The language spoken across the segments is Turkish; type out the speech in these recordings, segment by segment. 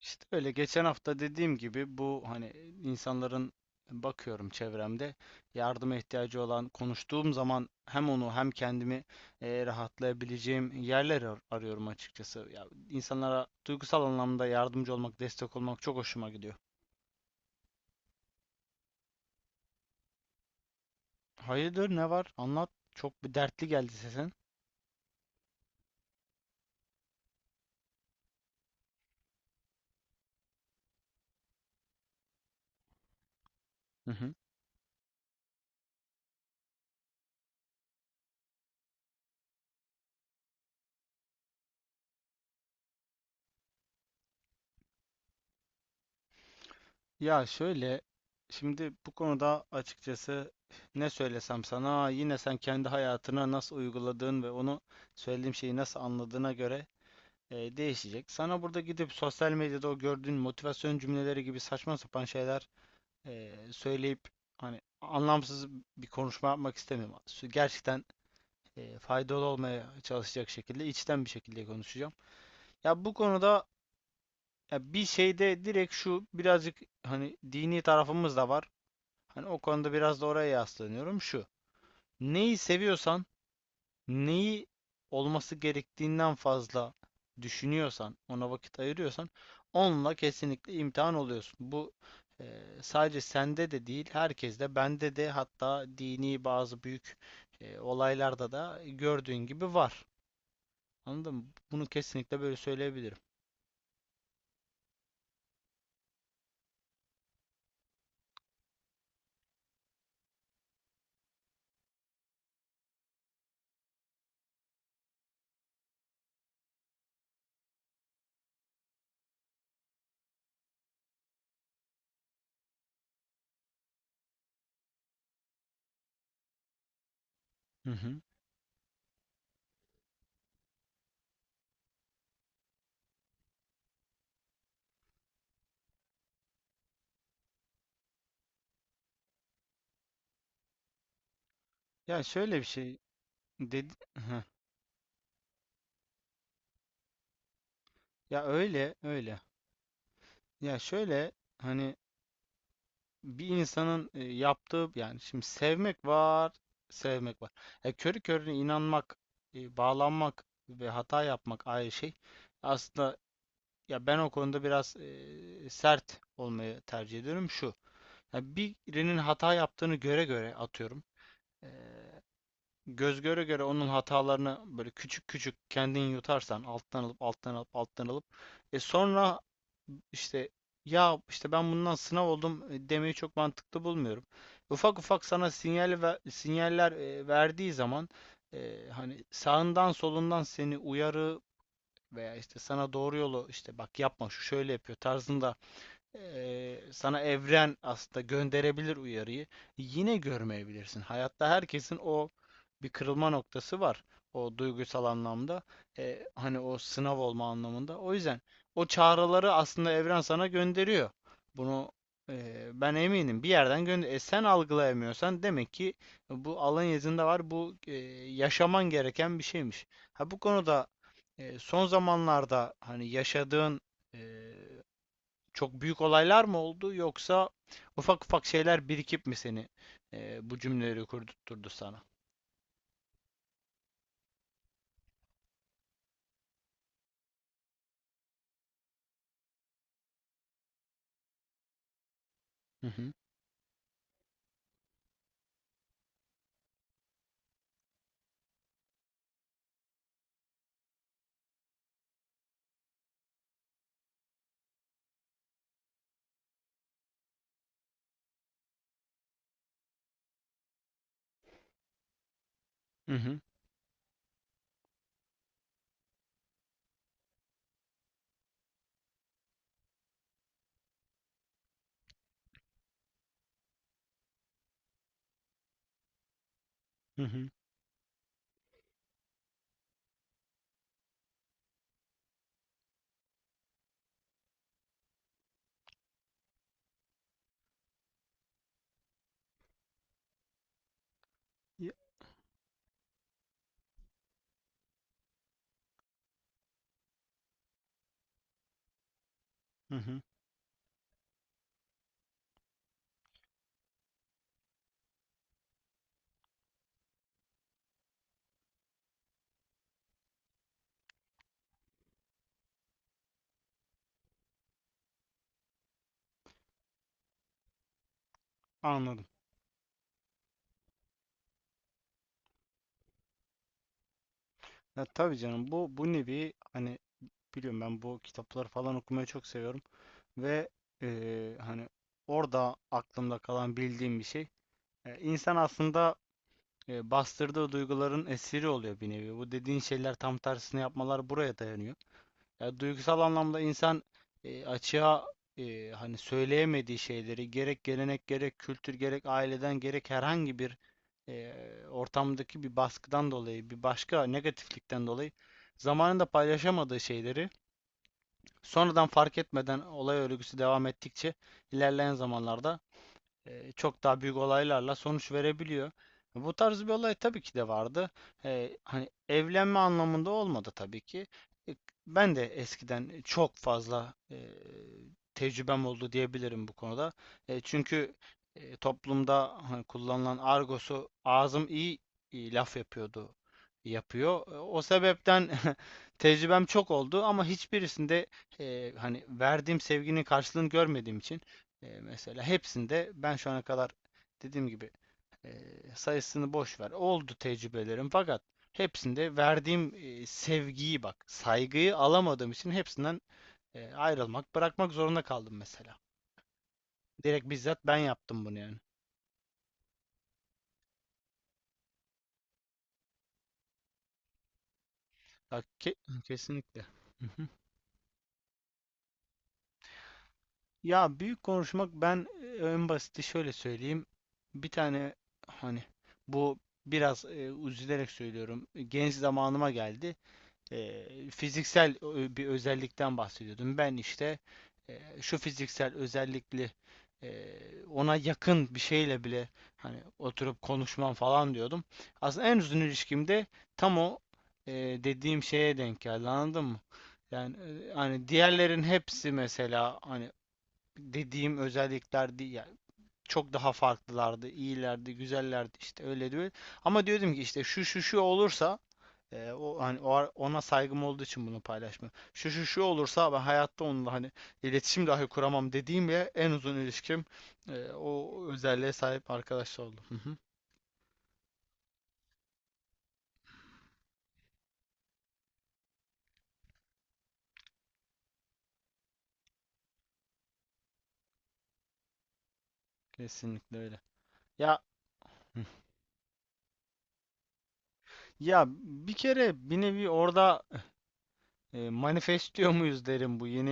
İşte öyle geçen hafta dediğim gibi bu hani insanların bakıyorum çevremde yardıma ihtiyacı olan konuştuğum zaman hem onu hem kendimi rahatlayabileceğim yerler arıyorum açıkçası. Ya insanlara duygusal anlamda yardımcı olmak, destek olmak çok hoşuma gidiyor. Hayırdır ne var? Anlat. Çok bir dertli geldi sesin. Ya şöyle, şimdi bu konuda açıkçası ne söylesem sana yine sen kendi hayatına nasıl uyguladığın ve onu söylediğim şeyi nasıl anladığına göre değişecek. Sana burada gidip sosyal medyada o gördüğün motivasyon cümleleri gibi saçma sapan şeyler söyleyip hani anlamsız bir konuşma yapmak istemiyorum. Gerçekten faydalı olmaya çalışacak şekilde içten bir şekilde konuşacağım. Ya bu konuda ya bir şeyde direkt şu birazcık hani dini tarafımız da var. Hani o konuda biraz da oraya yaslanıyorum. Şu. Neyi seviyorsan, neyi olması gerektiğinden fazla düşünüyorsan, ona vakit ayırıyorsan onunla kesinlikle imtihan oluyorsun. Bu sadece sende de değil, herkeste, bende de hatta dini bazı büyük olaylarda da gördüğün gibi var. Anladın mı? Bunu kesinlikle böyle söyleyebilirim. Hı hı. Ya şöyle bir şey dedi. Hı. Ya öyle öyle. Ya şöyle hani bir insanın yaptığı yani şimdi sevmek var, sevmek var. Körü körüne inanmak, bağlanmak ve hata yapmak ayrı şey. Aslında ya ben o konuda biraz sert olmayı tercih ediyorum şu. Ya birinin hata yaptığını göre göre atıyorum. e, Göz göre göre onun hatalarını böyle küçük küçük kendin yutarsan alttan alıp sonra işte ya işte ben bundan sınav oldum, demeyi çok mantıklı bulmuyorum. Ufak ufak sana sinyal ve sinyaller verdiği zaman hani sağından solundan seni uyarı veya işte sana doğru yolu işte bak yapma şu şöyle yapıyor tarzında sana evren aslında gönderebilir uyarıyı. Yine görmeyebilirsin. Hayatta herkesin o bir kırılma noktası var. O duygusal anlamda. Hani o sınav olma anlamında. O yüzden o çağrıları aslında evren sana gönderiyor. Bunu ben eminim. Bir yerden gönder. E, sen algılayamıyorsan demek ki bu alın yazında var. Bu yaşaman gereken bir şeymiş. Ha bu konuda son zamanlarda hani yaşadığın e, çok büyük olaylar mı oldu yoksa ufak ufak şeyler birikip mi seni bu cümleleri kurdurtturdu sana? Hı hı. Hı hı. Hı hı. Ya- Hı hı. Anladım. Ya, tabii canım bu nevi hani biliyorum ben bu kitapları falan okumayı çok seviyorum ve hani orada aklımda kalan bildiğim bir şey. İnsan aslında bastırdığı duyguların esiri oluyor bir nevi. Bu dediğin şeyler tam tersini yapmalar buraya dayanıyor. Ya duygusal anlamda insan açığa hani söyleyemediği şeyleri gerek gelenek gerek kültür gerek aileden gerek herhangi bir e, ortamdaki bir baskıdan dolayı bir başka negatiflikten dolayı zamanında paylaşamadığı şeyleri sonradan fark etmeden olay örgüsü devam ettikçe ilerleyen zamanlarda çok daha büyük olaylarla sonuç verebiliyor. Bu tarz bir olay tabii ki de vardı. Hani evlenme anlamında olmadı tabii ki. E, Ben de eskiden çok fazla tecrübem oldu diyebilirim bu konuda. Çünkü toplumda hani kullanılan argosu ağzım iyi, iyi laf yapıyordu yapıyor. E, o sebepten tecrübem çok oldu ama hiçbirisinde hani verdiğim sevginin karşılığını görmediğim için mesela hepsinde ben şu ana kadar dediğim gibi e, sayısını boş ver. Oldu tecrübelerim fakat hepsinde verdiğim sevgiyi bak, saygıyı alamadığım için hepsinden ayrılmak, bırakmak zorunda kaldım mesela. Direkt bizzat ben yaptım bunu yani. Bak ke- Kesinlikle. Hı hı. Ya büyük konuşmak ben en basiti şöyle söyleyeyim. Bir tane hani bu biraz, üzülerek söylüyorum. Genç zamanıma geldi. e, Fiziksel bir özellikten bahsediyordum. Ben işte şu fiziksel özellikli e, ona yakın bir şeyle bile hani oturup konuşmam falan diyordum. Aslında en uzun ilişkimde tam o e, dediğim şeye denk geldi anladın mı? Yani, hani diğerlerin hepsi mesela hani dediğim özellikler değil yani çok daha farklılardı, iyilerdi, güzellerdi işte öyle diyor. Ama diyordum ki işte şu şu şu olursa o hani o ona saygım olduğu için bunu paylaşmıyorum. Şu şu şu olursa ben hayatta onunla hani iletişim dahi kuramam dediğim ve en uzun ilişkim, o özelliğe sahip arkadaşla oldu. Hı hı. Kesinlikle öyle. Ya, hı. Ya bir kere bir nevi orada manifestliyor muyuz derim bu yeni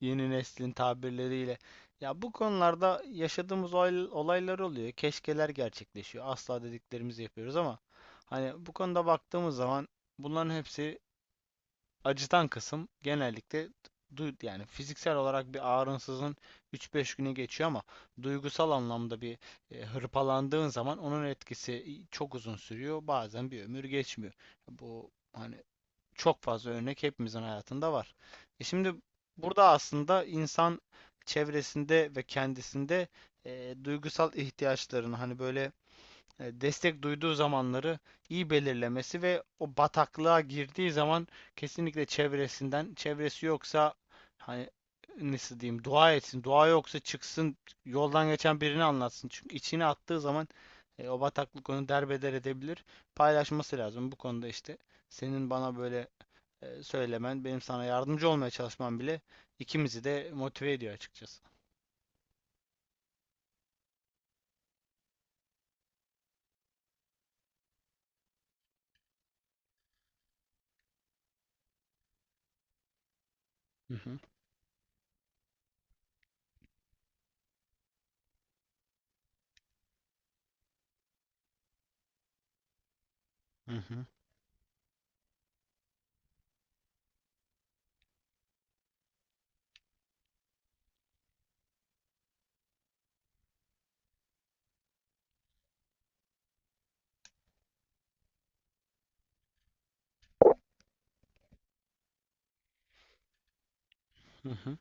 yeni neslin tabirleriyle. Ya bu konularda yaşadığımız olaylar oluyor. Keşkeler gerçekleşiyor. Asla dediklerimizi yapıyoruz ama hani bu konuda baktığımız zaman bunların hepsi acıtan kısım genellikle yani fiziksel olarak bir ağrınsızın 3-5 güne geçiyor ama duygusal anlamda bir hırpalandığın zaman onun etkisi çok uzun sürüyor. Bazen bir ömür geçmiyor. Bu hani çok fazla örnek hepimizin hayatında var. E şimdi burada aslında insan çevresinde ve kendisinde duygusal ihtiyaçlarını hani böyle destek duyduğu zamanları iyi belirlemesi ve o bataklığa girdiği zaman kesinlikle çevresinden, çevresi yoksa hani nasıl diyeyim dua etsin, dua yoksa çıksın yoldan geçen birini anlatsın. Çünkü içine attığı zaman o bataklık onu derbeder edebilir. Paylaşması lazım bu konuda işte. Senin bana böyle söylemen, benim sana yardımcı olmaya çalışmam bile ikimizi de motive ediyor açıkçası. Hı hı, hı hı, hı hı.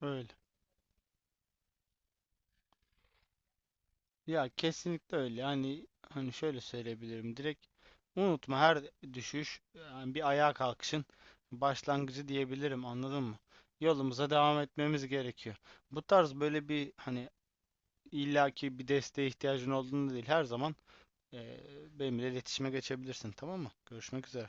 Öyle. Ya kesinlikle öyle. Hani şöyle söyleyebilirim. Direkt unutma her düşüş yani bir ayağa kalkışın başlangıcı diyebilirim. Anladın mı? Yolumuza devam etmemiz gerekiyor. Bu tarz böyle bir hani illaki bir desteğe ihtiyacın olduğunu değil her zaman eee benimle iletişime geçebilirsin. Tamam mı? Görüşmek üzere.